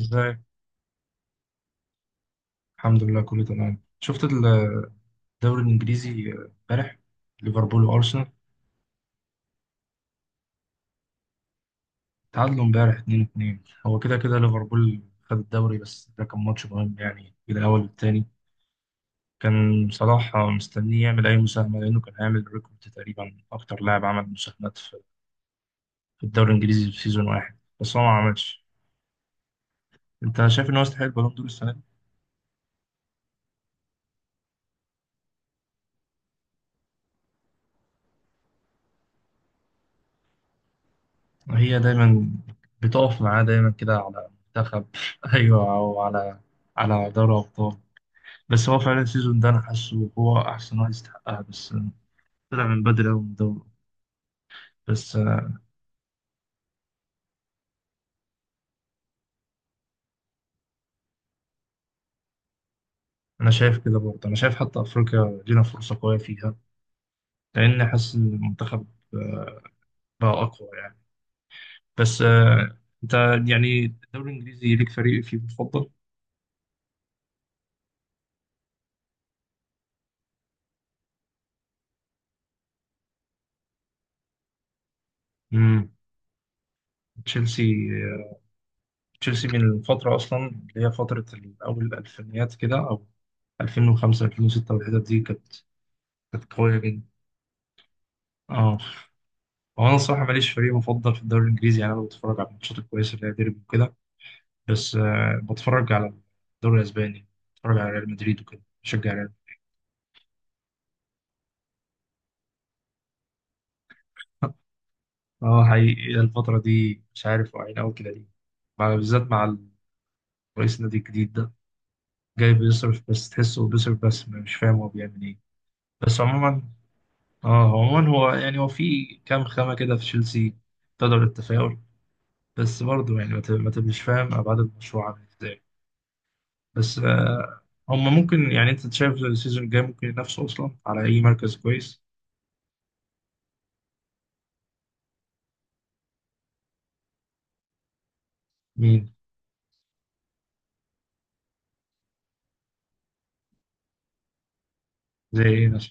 ازاي. الحمد لله كله تمام. شفت الدوري الانجليزي امبارح، ليفربول وارسنال تعادلوا امبارح 2-2. هو كده كده ليفربول خد الدوري، بس ده كان ماتش مهم يعني كده اول التاني. كان صلاح مستنيه يعمل اي مساهمه لانه كان هيعمل ريكورد تقريبا اكتر لاعب عمل مساهمات في الدوري الانجليزي في سيزون واحد، بس هو ما عملش. انت شايف ان هو يستحق البالون دور السنه دي؟ هي دايما بتقف معاه دايما كده على منتخب ايوه او على دوري ابطال. بس هو فعلا السيزون ده انا حاسه هو احسن واحد يستحقها، بس طلع من بدري قوي من الدوري. بس انا شايف كده برضه، انا شايف حتى افريقيا لينا فرصه قويه فيها لان حاسس إن المنتخب آه، بقى اقوى يعني. بس انت يعني الدوري الانجليزي ليك فريق فيه مفضل؟ امم تشيلسي. تشيلسي من الفتره اصلا اللي هي فتره اول الالفينيات كده او 2005 2006، والحتت دي كانت قويه جدا. اه. هو انا الصراحه ماليش فريق مفضل في الدوري الانجليزي يعني، انا بتفرج على الماتشات الكويسه اللي هي ديربي وكده. بس بتفرج على الدوري الاسباني، بتفرج على ريال مدريد وكده بشجع ريال. اه حقيقي الفتره دي مش عارف واقعين قوي كده ليه، بالذات مع رئيس النادي الجديد ده جاي بيصرف، بس تحسه بيصرف بس مش فاهم هو بيعمل ايه. بس عموما، اه عموما هو يعني هو في كام خامه كده في تشيلسي تقدر التفاؤل، بس برضه يعني ما تبقاش فاهم ابعاد المشروع عامل ازاي. بس هم ممكن، يعني انت شايف السيزون الجاي ممكن ينافسوا اصلا على اي مركز كويس؟ مين؟ زي ايه مثلا؟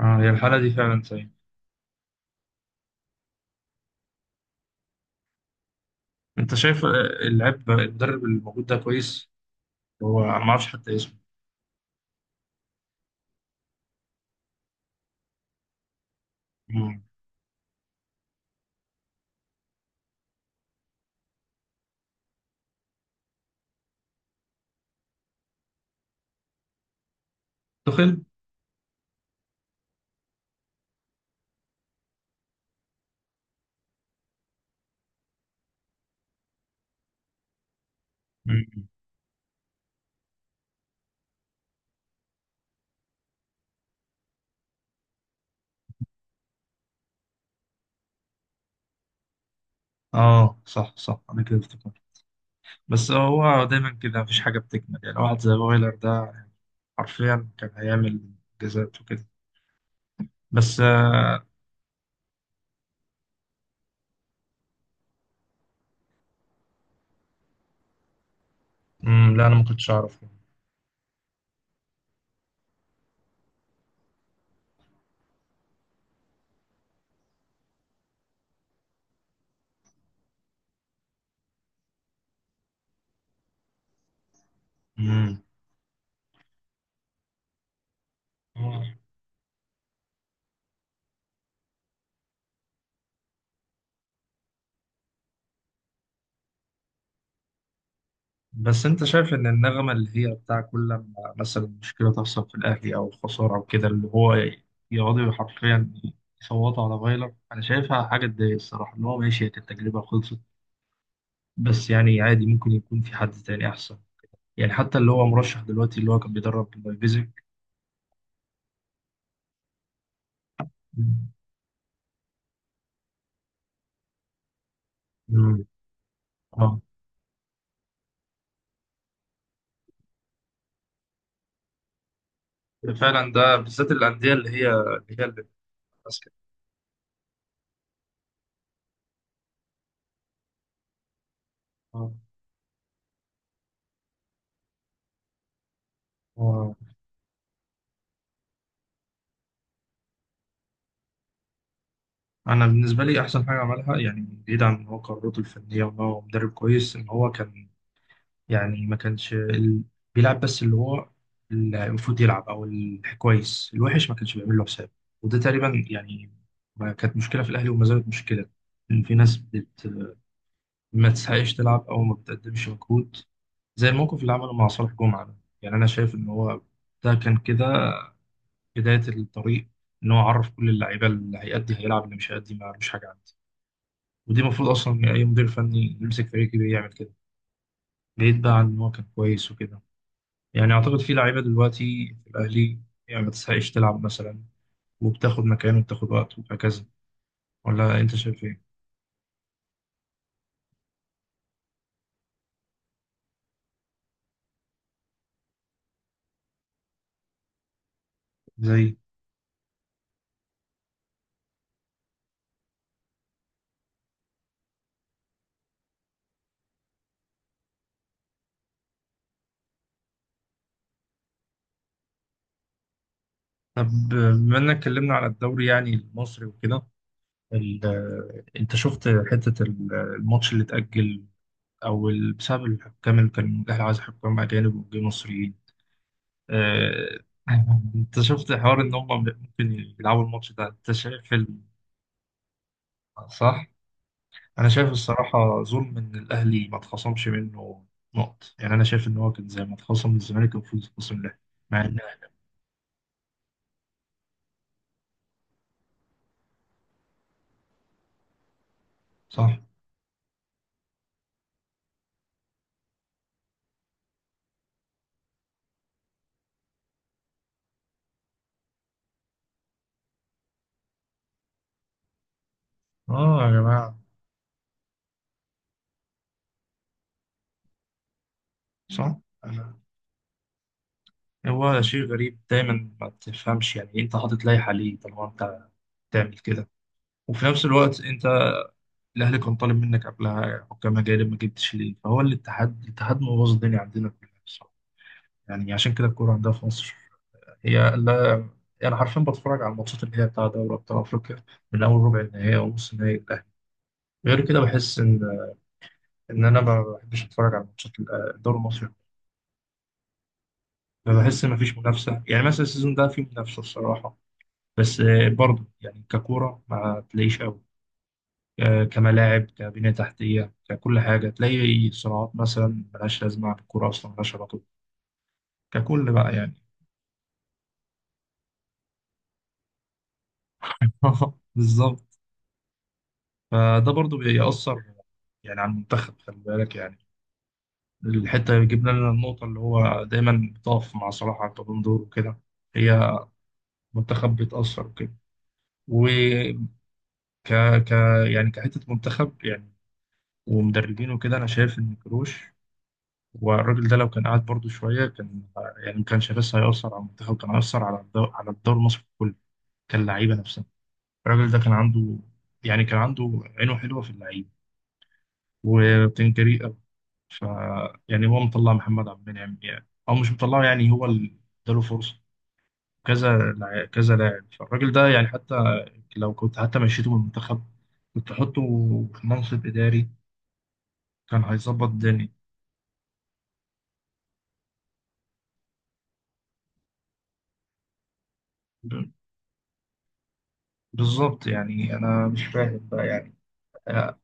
اه هي الحالة دي فعلا سيئة. انت شايف اللاعب المدرب الموجود ده كويس؟ هو أنا ما اعرفش حتى اسمه. مم. تخل. مم. اه صح صح انا كده افتكرت، بس هو دايما كده مفيش حاجة بتكمل يعني واحد زي فايلر ده حرفيا كان هيعمل انجازات وكده. بس مم، لا انا ما كنتش اعرف. مم. بس انت شايف ان النغمه اللي هي بتاع كل لما مثلا مشكله تحصل في الاهلي او خساره او كده اللي هو يقعدوا حرفيا يصوتوا على فايلر، انا شايفها حاجه تضايق الصراحه، ان هو ماشي، هي كانت تجربه خلصت، بس يعني عادي ممكن يكون في حد تاني احسن، يعني حتى اللي هو مرشح دلوقتي اللي هو كان بيدرب لايبزيج. مم. اه فعلا ده بالذات الانديه اللي ماسكه. اه. آه. انا بالنسبه لي احسن حاجه عملها يعني، بعيد عن ان هو قدراته الفنيه وان هو مدرب كويس، ان هو كان، يعني ما كانش بيلعب بس اللي هو اللي المفروض يلعب او الكويس الوحش ما كانش بيعمل له حساب، وده تقريبا يعني ما كانت مشكله في الاهلي وما زالت مشكله ان في ناس ما تسعيش تلعب او ما بتقدمش مجهود، زي الموقف اللي عمله مع صالح جمعه ده. يعني انا شايف ان هو ده كان كده بدايه الطريق، ان هو عرف كل اللعيبه اللي هيأدي هيلعب اللي مش هيأدي ما مش حاجه عندي، ودي المفروض اصلا اي مدير فني يمسك فريق كبير يعمل كده، بعيد بقى عن ان هو كان كويس وكده. يعني اعتقد في لعيبه دلوقتي في الاهلي، يعني ما تستحقش تلعب مثلا، وبتاخد مكانه وبتاخد وقته وهكذا، ولا انت شايف ايه؟ زي. طب بما انك اتكلمنا على الدوري يعني المصري وكده، انت شفت حته الماتش اللي اتاجل او بسبب الحكام، اللي كان الاهلي عايز حكام اجانب وجه مصريين، آه، انت شفت حوار ان هم ممكن يلعبوا الماتش ده؟ انت شايف صح؟ انا شايف الصراحه ظلم ان الاهلي ما اتخصمش منه نقط، يعني انا شايف ان هو كان زي ما اتخصم من الزمالك كان المفروض يتخصم له. مع ان. صح. اه يا جماعه صح. انا. هو شيء غريب دايما ما تفهمش يعني إيه، انت حاطط لائحه ليه طالما انت تعمل كده، وفي نفس الوقت انت، الاهلي كان طالب منك قبلها حكام اجانب ما جبتش ليه، فهو الاتحاد مبوظ الدنيا عندنا كلها بصراحة. يعني عشان كده الكوره عندها في مصر هي لا، يعني حرفيا بتفرج على الماتشات اللي هي بتاع دوري أبطال أفريقيا من أول ربع النهائي أو نص النهائي للأهلي، غير كده بحس إن أنا ما بحبش أتفرج على ماتشات الدوري المصري. بحس إن مفيش منافسة يعني، مثلا السيزون ده فيه منافسة الصراحة، بس برضه يعني ككورة ما تلاقيش أوي كملاعب كبنية تحتية ككل حاجة، تلاقي صناعات مثلا ملهاش لازمة عن الكورة أصلا ملهاش علاقة ككل بقى يعني. بالظبط. فده برضه بيأثر يعني على المنتخب خلي بالك يعني، الحتة جبنا لنا النقطة اللي هو دايما بتقف مع صلاح على البالون دور وكده، هي منتخب بيتأثر وكده، وك ك يعني كحتة منتخب يعني ومدربين وكده. أنا شايف إن كروش والراجل ده لو كان قاعد برضه شوية كان، يعني ما كانش بس هيأثر على المنتخب كان هيأثر على على الدوري المصري كله، كان لعيبة نفسها. الراجل ده كان عنده، يعني كان عنده عينه حلوة في اللعيبة وبتنجري أوي. ف يعني هو مطلع محمد عبد المنعم، يعني أو مش مطلعه، يعني هو اللي اداله فرصة، كذا لاعب. فالراجل ده يعني حتى لو كنت حتى مشيته من المنتخب كنت تحطه في منصب إداري، كان هيظبط الدنيا. ب- بالظبط يعني أنا مش فاهم بقى يعني. آه،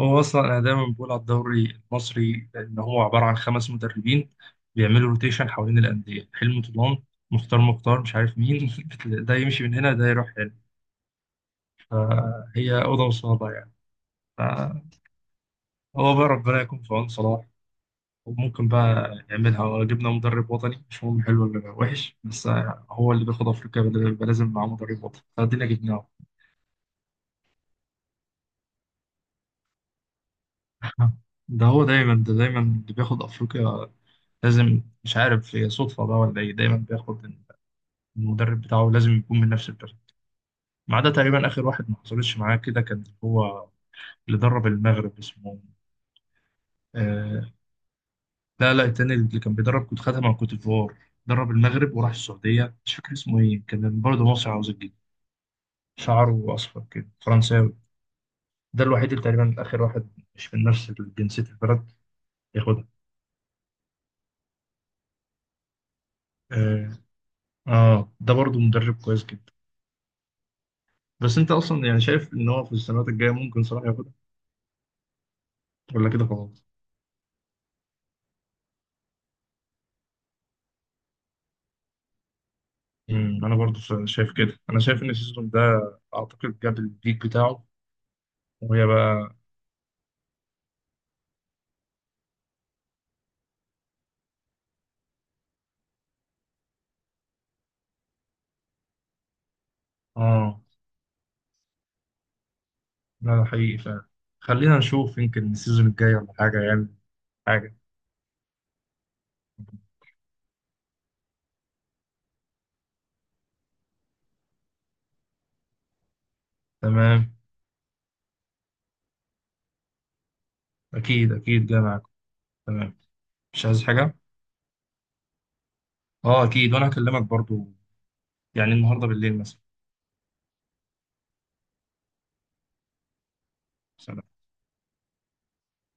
هو أصلا أنا دايما بقول على الدوري المصري إن هو عبارة عن خمس مدربين بيعملوا روتيشن حوالين الأندية، حلمي طولان، مختار مختار مش عارف مين. ده يمشي من هنا، ده يروح هنا. فهي أوضة وصالة يعني. فهو بقى ربنا يكون في عون صلاح، وممكن بقى يعملها لو جبنا مدرب وطني مش مهم حلو ولا وحش، بس هو اللي بياخد افريقيا، بيبقى لازم معاه مدرب وطني فادينا جبناه. ده دايما اللي بياخد افريقيا لازم، مش عارف هي صدفه بقى ولا ايه، دايما بياخد المدرب بتاعه لازم يكون من نفس البلد. ما عدا تقريبا اخر واحد ما حصلتش معاه كده، كان هو اللي درب المغرب اسمه آه لا لا التاني اللي كان بيدرب كنت خدها مع كوت ديفوار، درب المغرب وراح السعوديه مش فاكر اسمه ايه، كان برضه مصري عاوز، شعره أصفر كده فرنساوي، ده الوحيد اللي تقريبا آخر واحد مش من نفس جنسية البلد ياخدها. آه. آه ده برضو مدرب كويس جدا. بس أنت أصلا يعني شايف إن هو في السنوات الجاية ممكن صلاح ياخدها ولا كده خلاص؟ أنا برضو شايف كده، أنا شايف إن السيزون ده أعتقد جاب البيك بتاعه، وهي بقى. آه لا ده حقيقي فعلا، خلينا نشوف يمكن السيزون الجاي ولا حاجة يعني حاجة. تمام. أكيد أكيد جاي معاكم، تمام، مش عايز حاجة؟ آه أكيد وأنا هكلمك برضو يعني النهاردة بالليل مثلا. سلام.